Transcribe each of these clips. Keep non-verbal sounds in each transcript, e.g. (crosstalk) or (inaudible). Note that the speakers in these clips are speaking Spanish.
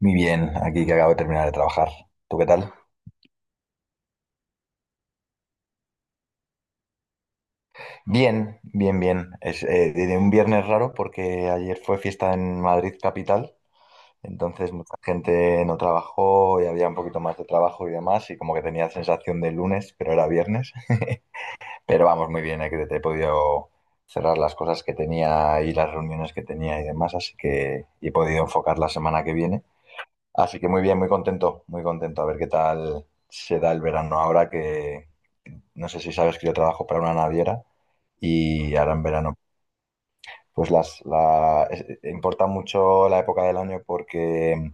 Muy bien, aquí que acabo de terminar de trabajar. ¿Tú qué tal? Bien, bien, bien. Es de un viernes raro porque ayer fue fiesta en Madrid capital, entonces mucha gente no trabajó y había un poquito más de trabajo y demás, y como que tenía sensación de lunes, pero era viernes. (laughs) Pero vamos, muy bien, que te he podido cerrar las cosas que tenía y las reuniones que tenía y demás, así que y he podido enfocar la semana que viene. Así que muy bien, muy contento, muy contento. A ver qué tal se da el verano ahora que, no sé si sabes que yo trabajo para una naviera y ahora en verano. Importa mucho la época del año porque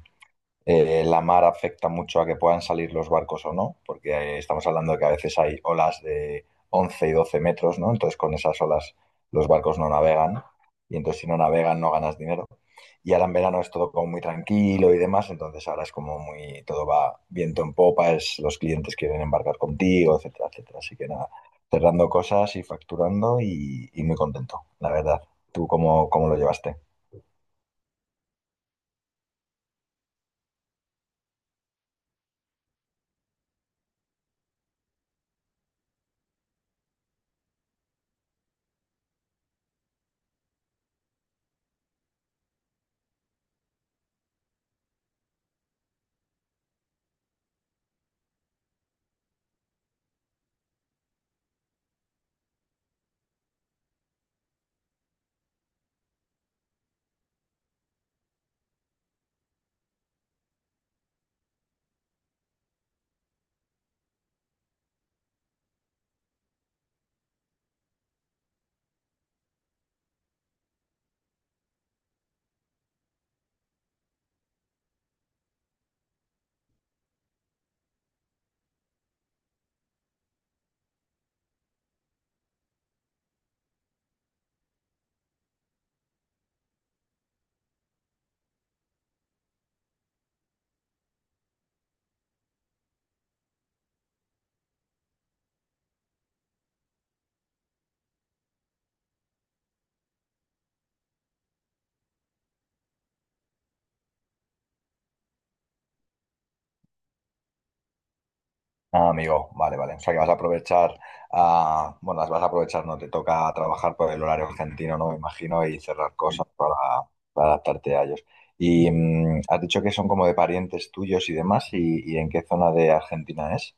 la mar afecta mucho a que puedan salir los barcos o no, porque estamos hablando de que a veces hay olas de 11 y 12 metros, ¿no? Entonces con esas olas los barcos no navegan y entonces si no navegan no ganas dinero. Y ahora en verano es todo como muy tranquilo y demás, entonces ahora es como muy, todo va viento en popa, es, los clientes quieren embarcar contigo, etcétera, etcétera. Así que nada, cerrando cosas y facturando y muy contento, la verdad. ¿Tú cómo lo llevaste? Ah, amigo, vale, vale. O sea que vas a aprovechar, ah, bueno, las vas a aprovechar, no te toca trabajar por el horario argentino, ¿no? Me imagino, y cerrar cosas para adaptarte a ellos. Y has dicho que son como de parientes tuyos y demás, ¿ y en qué zona de Argentina es?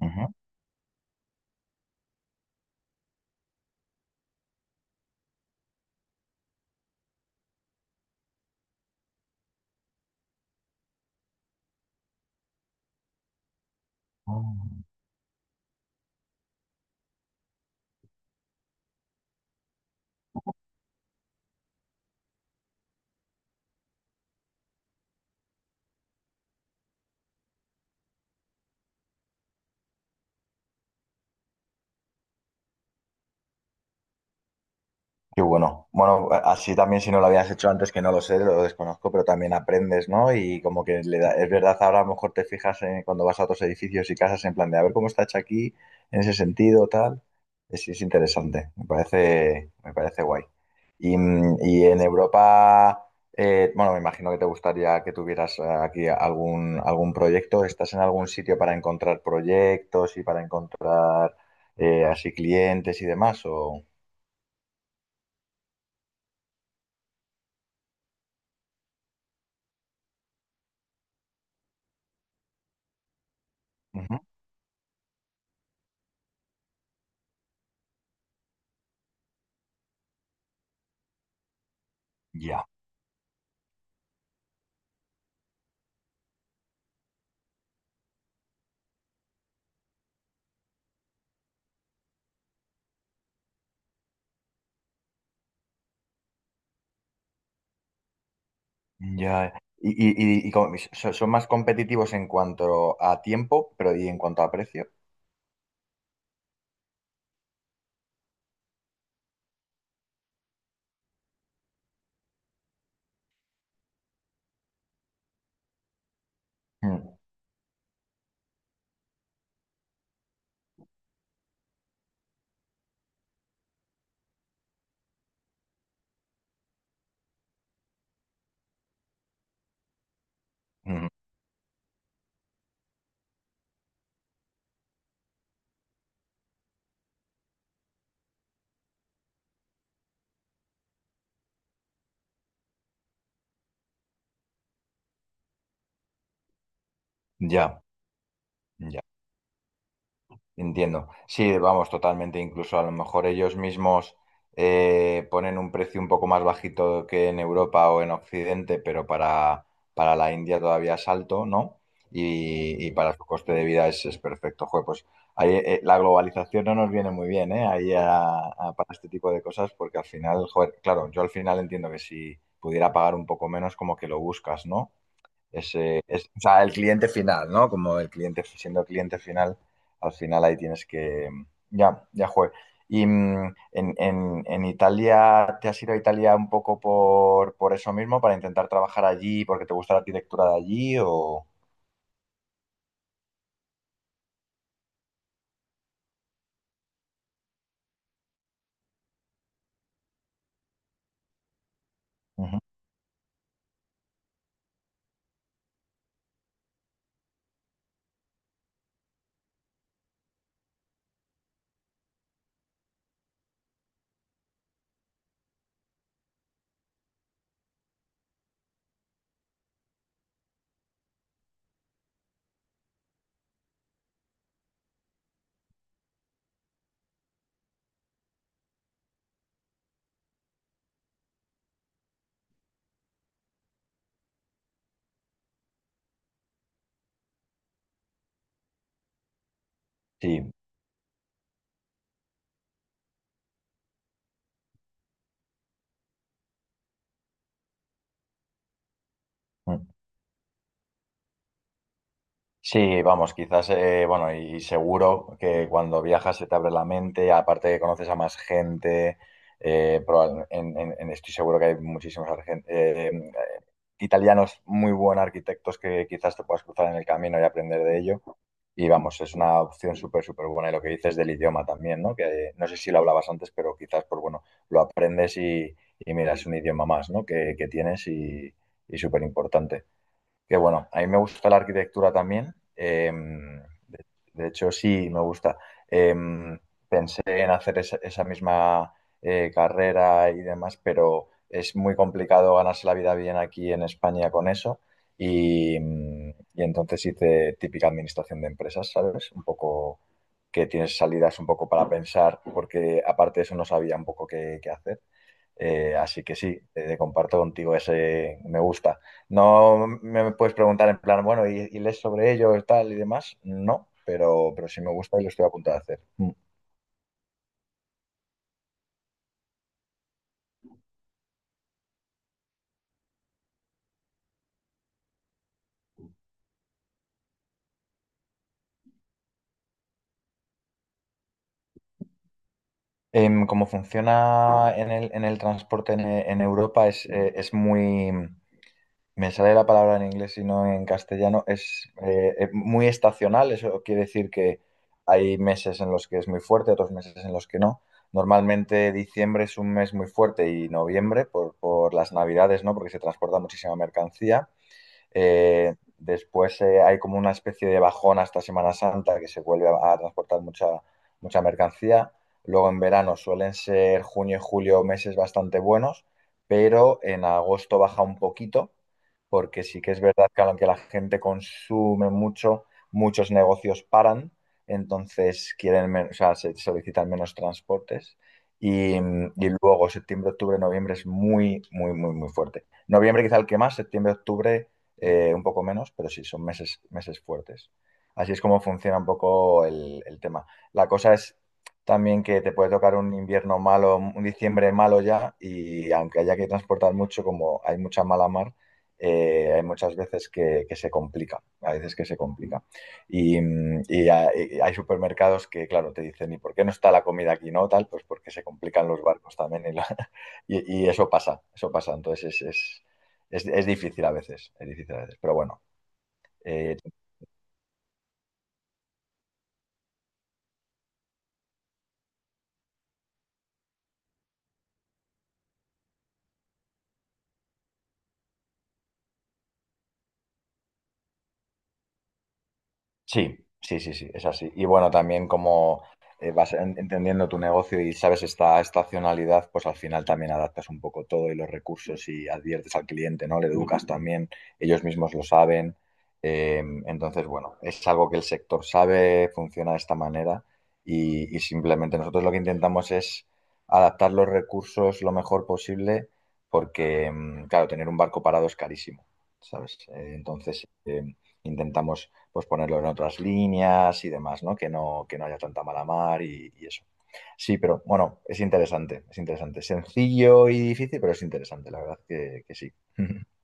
Ujú. Ah. Qué bueno. Bueno, así también si no lo habías hecho antes, que no lo sé, lo desconozco, pero también aprendes, ¿no? Y como que es verdad, ahora a lo mejor te fijas cuando vas a otros edificios y casas en plan de a ver cómo está hecho aquí, en ese sentido, tal. Es interesante, me parece guay. Y, y en Europa, bueno, me imagino que te gustaría que tuvieras aquí algún, algún proyecto. ¿Estás en algún sitio para encontrar proyectos y para encontrar así clientes y demás? O... Ujú. Ya. Ya, son más competitivos en cuanto a tiempo, pero y en cuanto a precio. Mm, mm, ya, ya. Entiendo. Sí, vamos, totalmente. Incluso a lo mejor ellos mismos ponen un precio un poco más bajito que en Europa o en Occidente, pero para la India todavía es alto, ¿no? Y para su coste de vida es perfecto. Joder, pues ahí, la globalización no nos viene muy bien, ¿eh? Para este tipo de cosas, porque al final, joder, claro, yo al final entiendo que si pudiera pagar un poco menos, como que lo buscas, ¿no? O sea, el cliente final, ¿no? Como el cliente, siendo cliente final, al final ahí tienes que... Ya, ya jue. Y en Italia, ¿te has ido a Italia un poco por eso mismo, para intentar trabajar allí, porque te gusta la arquitectura de allí o...? Ujú. Sí. Mm. Sí, vamos, quizás, bueno, y, seguro que cuando viajas se te abre la mente, aparte que conoces a más gente, estoy seguro que hay muchísimos italianos muy buenos arquitectos que quizás te puedas cruzar en el camino y aprender de ello. Y vamos, es una opción súper, súper buena. Y lo que dices del idioma también, ¿no? Que no sé si lo hablabas antes, pero quizás, pues bueno, lo aprendes y mira, es un idioma más, ¿no? Que tienes y súper importante que bueno, a mí me gusta la arquitectura también. De, de hecho, sí, me gusta. Eh, Pensé en hacer esa, esa misma carrera y demás, pero es muy complicado ganarse la vida bien aquí en España con eso. Y, y entonces hice típica administración de empresas, ¿sabes? Un poco que tienes salidas un poco para pensar, porque aparte de eso no sabía un poco qué hacer. Así que sí, comparto contigo ese me gusta. No me puedes preguntar en plan, bueno, ¿ y lees sobre ello y tal y demás? No, pero sí me gusta y lo estoy a punto de hacer. Mm. Cómo funciona en en el transporte en Europa es muy... Me sale la palabra en inglés y no en castellano. Es muy estacional, eso quiere decir que hay meses en los que es muy fuerte, otros meses en los que no. Normalmente diciembre es un mes muy fuerte y noviembre por las navidades, ¿no? Porque se transporta muchísima mercancía. Después hay como una especie de bajón hasta Semana Santa que se vuelve a transportar mucha, mucha mercancía. Luego en verano suelen ser junio y julio meses bastante buenos, pero en agosto baja un poquito, porque sí que es verdad que aunque la gente consume mucho, muchos negocios paran, entonces o sea, se solicitan menos transportes. Y luego septiembre, octubre, noviembre es muy, muy, muy, muy fuerte. Noviembre quizá el que más, septiembre, octubre un poco menos, pero sí, son meses, meses fuertes. Así es como funciona un poco el tema. La cosa es también que te puede tocar un invierno malo, un diciembre malo ya, y aunque haya que transportar mucho, como hay mucha mala mar, hay muchas veces que se complica, a veces que se complica. Y, y hay supermercados que, claro, te dicen, ¿y por qué no está la comida aquí? No, tal, pues porque se complican los barcos también (laughs) y eso pasa, eso pasa. Entonces es difícil a veces, es difícil a veces, pero bueno, eh, sí, sí, sí, sí, es así. Y bueno, también como entendiendo tu negocio y sabes esta estacionalidad, pues al final también adaptas un poco todo y los recursos y adviertes al cliente, ¿no? Le educas también, ellos mismos lo saben. Entonces, bueno, es algo que el sector sabe, funciona de esta manera y simplemente nosotros lo que intentamos es adaptar los recursos lo mejor posible porque, claro, tener un barco parado es carísimo, ¿sabes? Intentamos pues ponerlo en otras líneas y demás, ¿no? Que no, que no haya tanta mala mar y eso. Sí, pero bueno, es interesante, es interesante. Sencillo y difícil, pero es interesante, la verdad que sí. (laughs)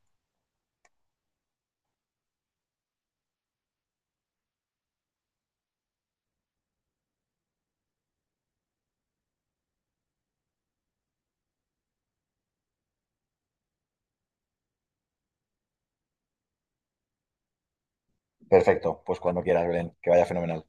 Perfecto, pues cuando quieras, Belén, que vaya fenomenal.